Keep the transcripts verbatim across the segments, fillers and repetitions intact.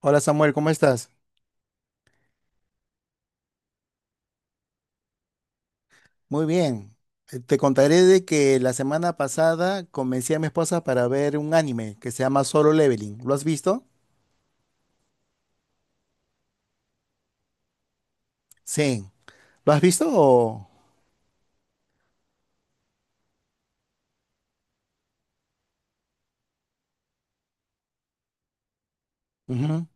Hola Samuel, ¿cómo estás? Muy bien. Eh, Te contaré de que la semana pasada convencí a mi esposa para ver un anime que se llama Solo Leveling. ¿Lo has visto? Sí. ¿Lo has visto o...? Ujú.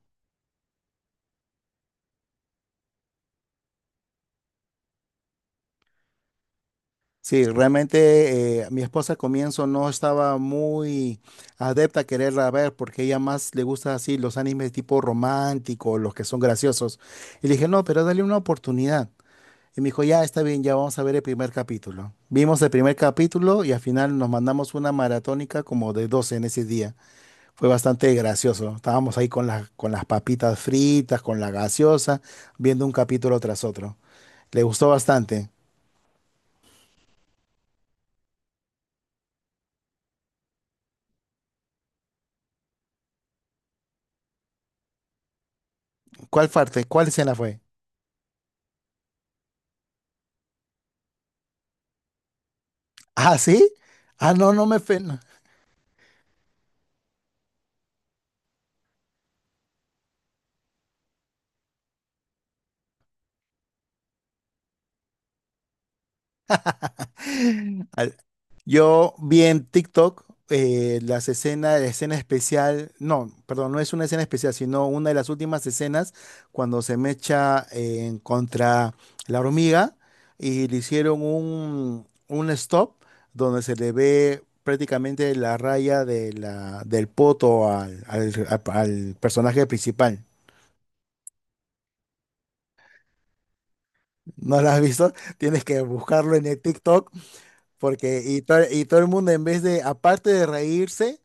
Sí, realmente eh, mi esposa al comienzo no estaba muy adepta a quererla ver porque ella más le gusta así los animes tipo romántico, los que son graciosos. Y le dije, no, pero dale una oportunidad. Y me dijo, ya está bien, ya vamos a ver el primer capítulo. Vimos el primer capítulo y al final nos mandamos una maratónica como de doce en ese día. Fue bastante gracioso. Estábamos ahí con las, con las papitas fritas, con la gaseosa, viendo un capítulo tras otro. Le gustó bastante. ¿Cuál parte? ¿Cuál escena fue? Ah, ¿sí? Ah, no, no me... fe- no. Al- Yo vi en TikTok eh, las escenas, la escena especial, no, perdón, no es una escena especial, sino una de las últimas escenas cuando se mecha eh, contra la hormiga y le hicieron un, un stop donde se le ve prácticamente la raya de la, del poto al, al, al al personaje principal. ¿No la has visto? Tienes que buscarlo en el TikTok porque y, to- y todo el mundo en vez de, aparte de reírse,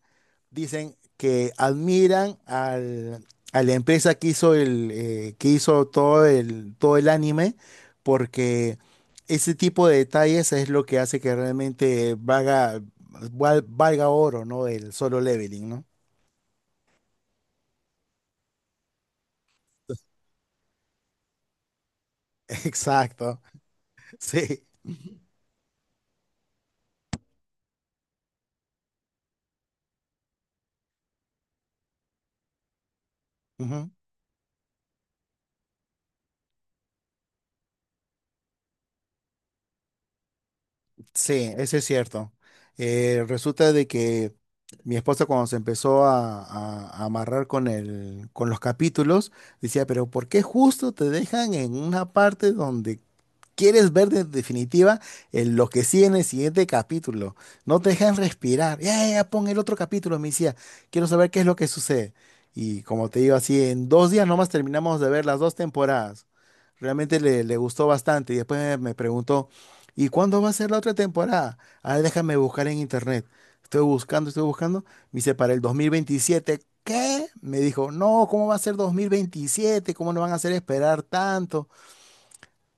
dicen que admiran al- a la empresa que hizo el, eh, que hizo todo el, todo el anime, porque ese tipo de detalles es lo que hace que realmente valga, val- valga oro, ¿no? El Solo Leveling, ¿no? Exacto, sí. Sí, eso es cierto. Eh, resulta de que mi esposa cuando se empezó a, a- a amarrar con el, con los capítulos, decía, pero ¿por qué justo te dejan en una parte donde quieres ver de definitiva el- lo que sigue en el siguiente capítulo? No te dejan respirar. Ya, ya, ya, pon el otro capítulo, me decía. Quiero saber qué es lo que sucede. Y como te digo así, en dos días nomás terminamos de ver las dos temporadas. Realmente le, le gustó bastante y después me, me preguntó, ¿y cuándo va a ser la otra temporada? A ver, déjame buscar en internet. Estoy buscando, estoy buscando. Me dice, para el dos mil veintisiete. ¿Qué? Me dijo, no, ¿cómo va a ser dos mil veintisiete? ¿Cómo no van a hacer esperar tanto?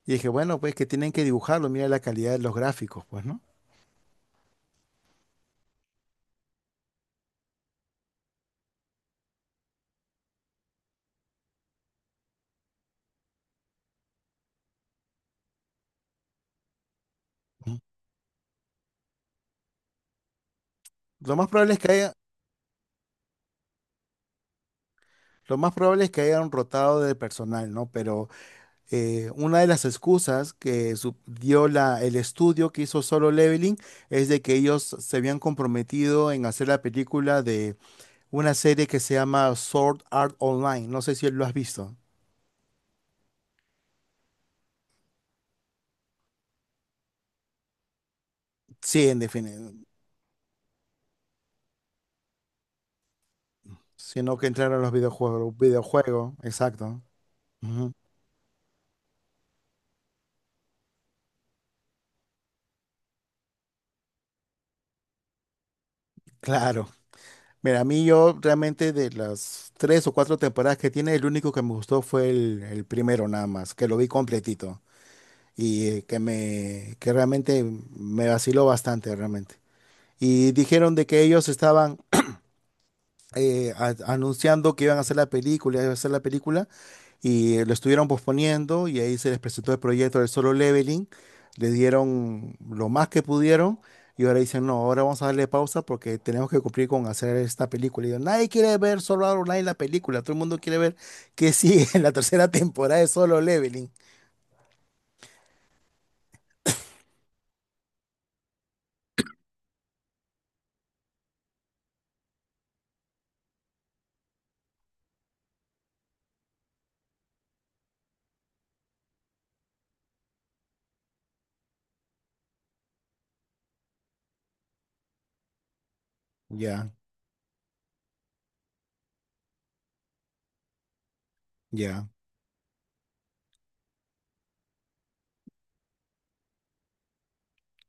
Y dije, bueno, pues que tienen que dibujarlo, mira la calidad de los gráficos, pues, ¿no? Ujú. Lo más probable es que haya, lo más probable es que hayan rotado de personal, ¿no? Pero eh, una de las excusas que su- dio la, el estudio que hizo Solo Leveling es de que ellos se habían comprometido en hacer la película de una serie que se llama Sword Art Online. No sé si lo has visto. Sí, en definitiva. Sino que entraron a los videojuegos. Videojuego, exacto. Ujú. Claro. Mira, a mí yo realmente de las tres o cuatro temporadas que tiene, el único que me gustó fue el, el primero nada más, que lo vi completito. Y eh, que me que realmente me vaciló bastante realmente. Y dijeron de que ellos estaban eh, a- anunciando que iban a hacer la película, iban a hacer la película y lo estuvieron posponiendo y ahí se les presentó el proyecto del Solo Leveling, le dieron lo más que pudieron y ahora dicen, no, ahora vamos a darle pausa porque tenemos que cumplir con hacer esta película. Y yo, nadie quiere ver Solo Online la película, todo el mundo quiere ver que sigue en la tercera temporada de Solo Leveling. Ya, ya,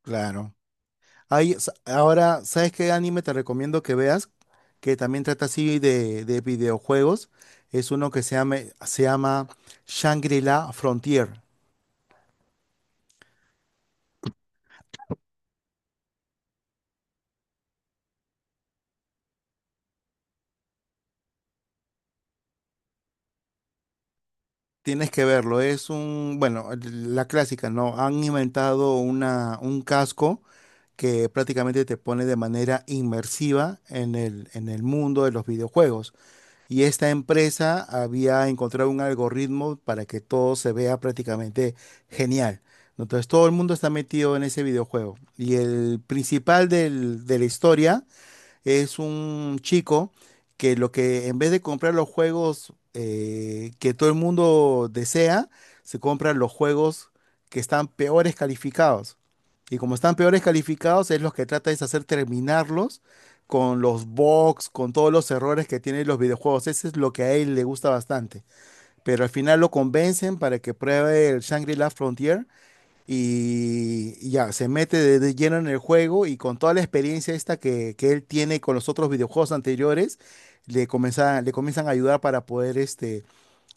claro. Hay, s- ahora, ¿sabes qué anime te recomiendo que veas? Que también trata así de, de videojuegos. Es uno que se llama, se llama Shangri-La Frontier. Tienes que verlo. Es un, bueno, la clásica, ¿no? Han inventado una, un casco que prácticamente te pone de manera inmersiva en el, en el mundo de los videojuegos. Y esta empresa había encontrado un algoritmo para que todo se vea prácticamente genial. Entonces todo el mundo está metido en ese videojuego. Y el principal del- de la historia es un chico que lo que en vez de comprar los juegos eh, que todo el mundo desea, se compran los juegos que están peores calificados. Y como están peores calificados, es los que trata es hacer terminarlos con los bugs, con todos los errores que tienen los videojuegos. Ese es lo que a él le gusta bastante. Pero al final lo convencen para que pruebe el Shangri-La Frontier y y ya, se mete de, de lleno en el juego y con toda la experiencia esta que, que él tiene con los otros videojuegos anteriores, le comienza, le comienzan a ayudar para poder este,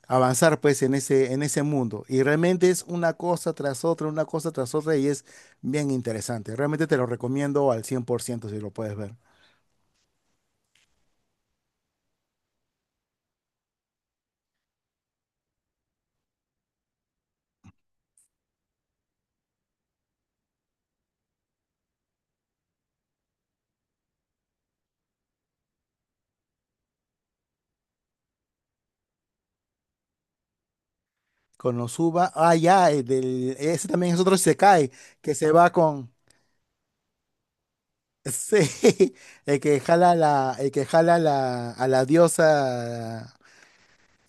avanzar pues en ese, en ese mundo. Y realmente es una cosa tras otra, una cosa tras otra y es bien interesante. Realmente te lo recomiendo al cien por ciento si lo puedes ver. Konosuba, ah, ya, el del- ese también es otro isekai que se va con... Sí, el que jala la, el que jala la, a la diosa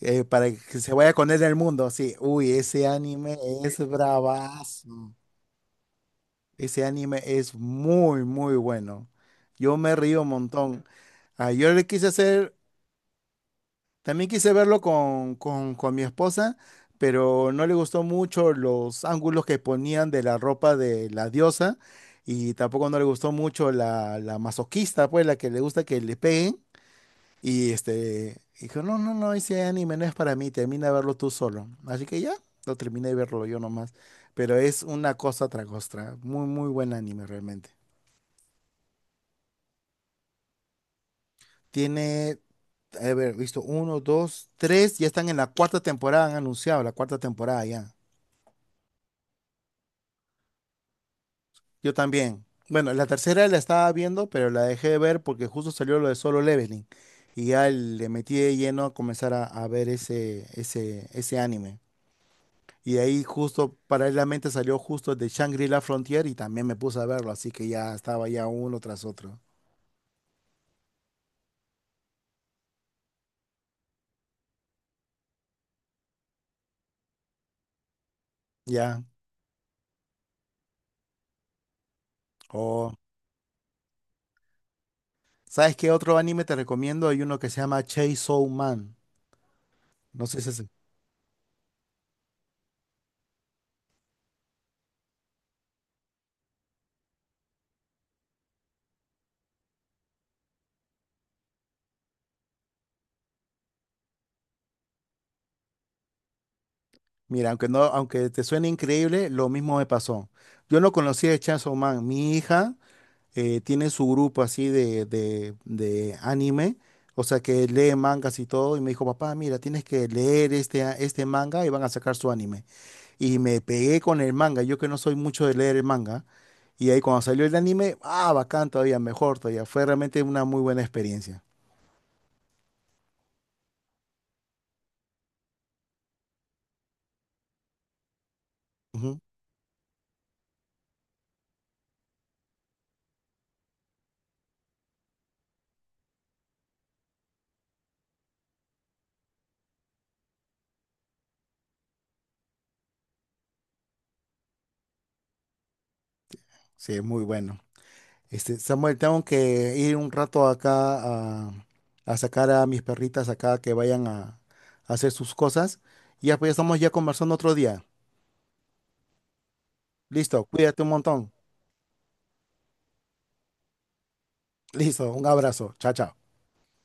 eh, para que se vaya con él del mundo. Sí, uy, ese anime es bravazo. Ese anime es muy, muy bueno. Yo me río un montón. Ah, yo le quise hacer, también quise verlo con, con, con mi esposa, pero no le gustó mucho los ángulos que ponían de la ropa de la diosa y tampoco no le gustó mucho la, la masoquista, pues la que le gusta que le peguen. Y este, dijo, no, no, no, ese anime no es para mí, termina de verlo tú solo. Así que ya, lo terminé de verlo yo nomás. Pero es una cosa tras otra. Muy, muy buen anime realmente. Tiene, a ver, visto, uno, dos, tres, ya están en la cuarta temporada, han anunciado la cuarta temporada ya. Yo también. Bueno, la tercera la estaba viendo, pero la dejé de ver porque justo salió lo de Solo Leveling. Y ya le metí de lleno a comenzar a, a ver ese, ese, ese anime. Y de ahí justo paralelamente salió justo de Shangri-La Frontier y también me puse a verlo, así que ya estaba ya uno tras otro. Ya. O, ¿sabes qué otro anime te recomiendo? Hay uno que se llama Chainsaw Man. No sé si es... Mira, aunque no, aunque te suene increíble, lo mismo me pasó. Yo no conocía de Chainsaw Man. Mi hija eh, tiene su grupo así de, de, de anime, o sea que lee mangas y todo, y me dijo, papá, mira, tienes que leer este, a- este manga y van a sacar su anime. Y me pegué con el manga. Yo que no soy mucho de leer el manga. Y ahí cuando salió el anime, ah, bacán todavía, mejor todavía. Fue realmente una muy buena experiencia. Ujú. Sí, es muy bueno. Este, Samuel, tengo que ir un rato acá a, a sacar a mis perritas acá que vayan a, a hacer sus cosas. Y ya pues ya estamos ya conversando otro día. Listo, cuídate un montón. Listo, un abrazo. Chao, chao.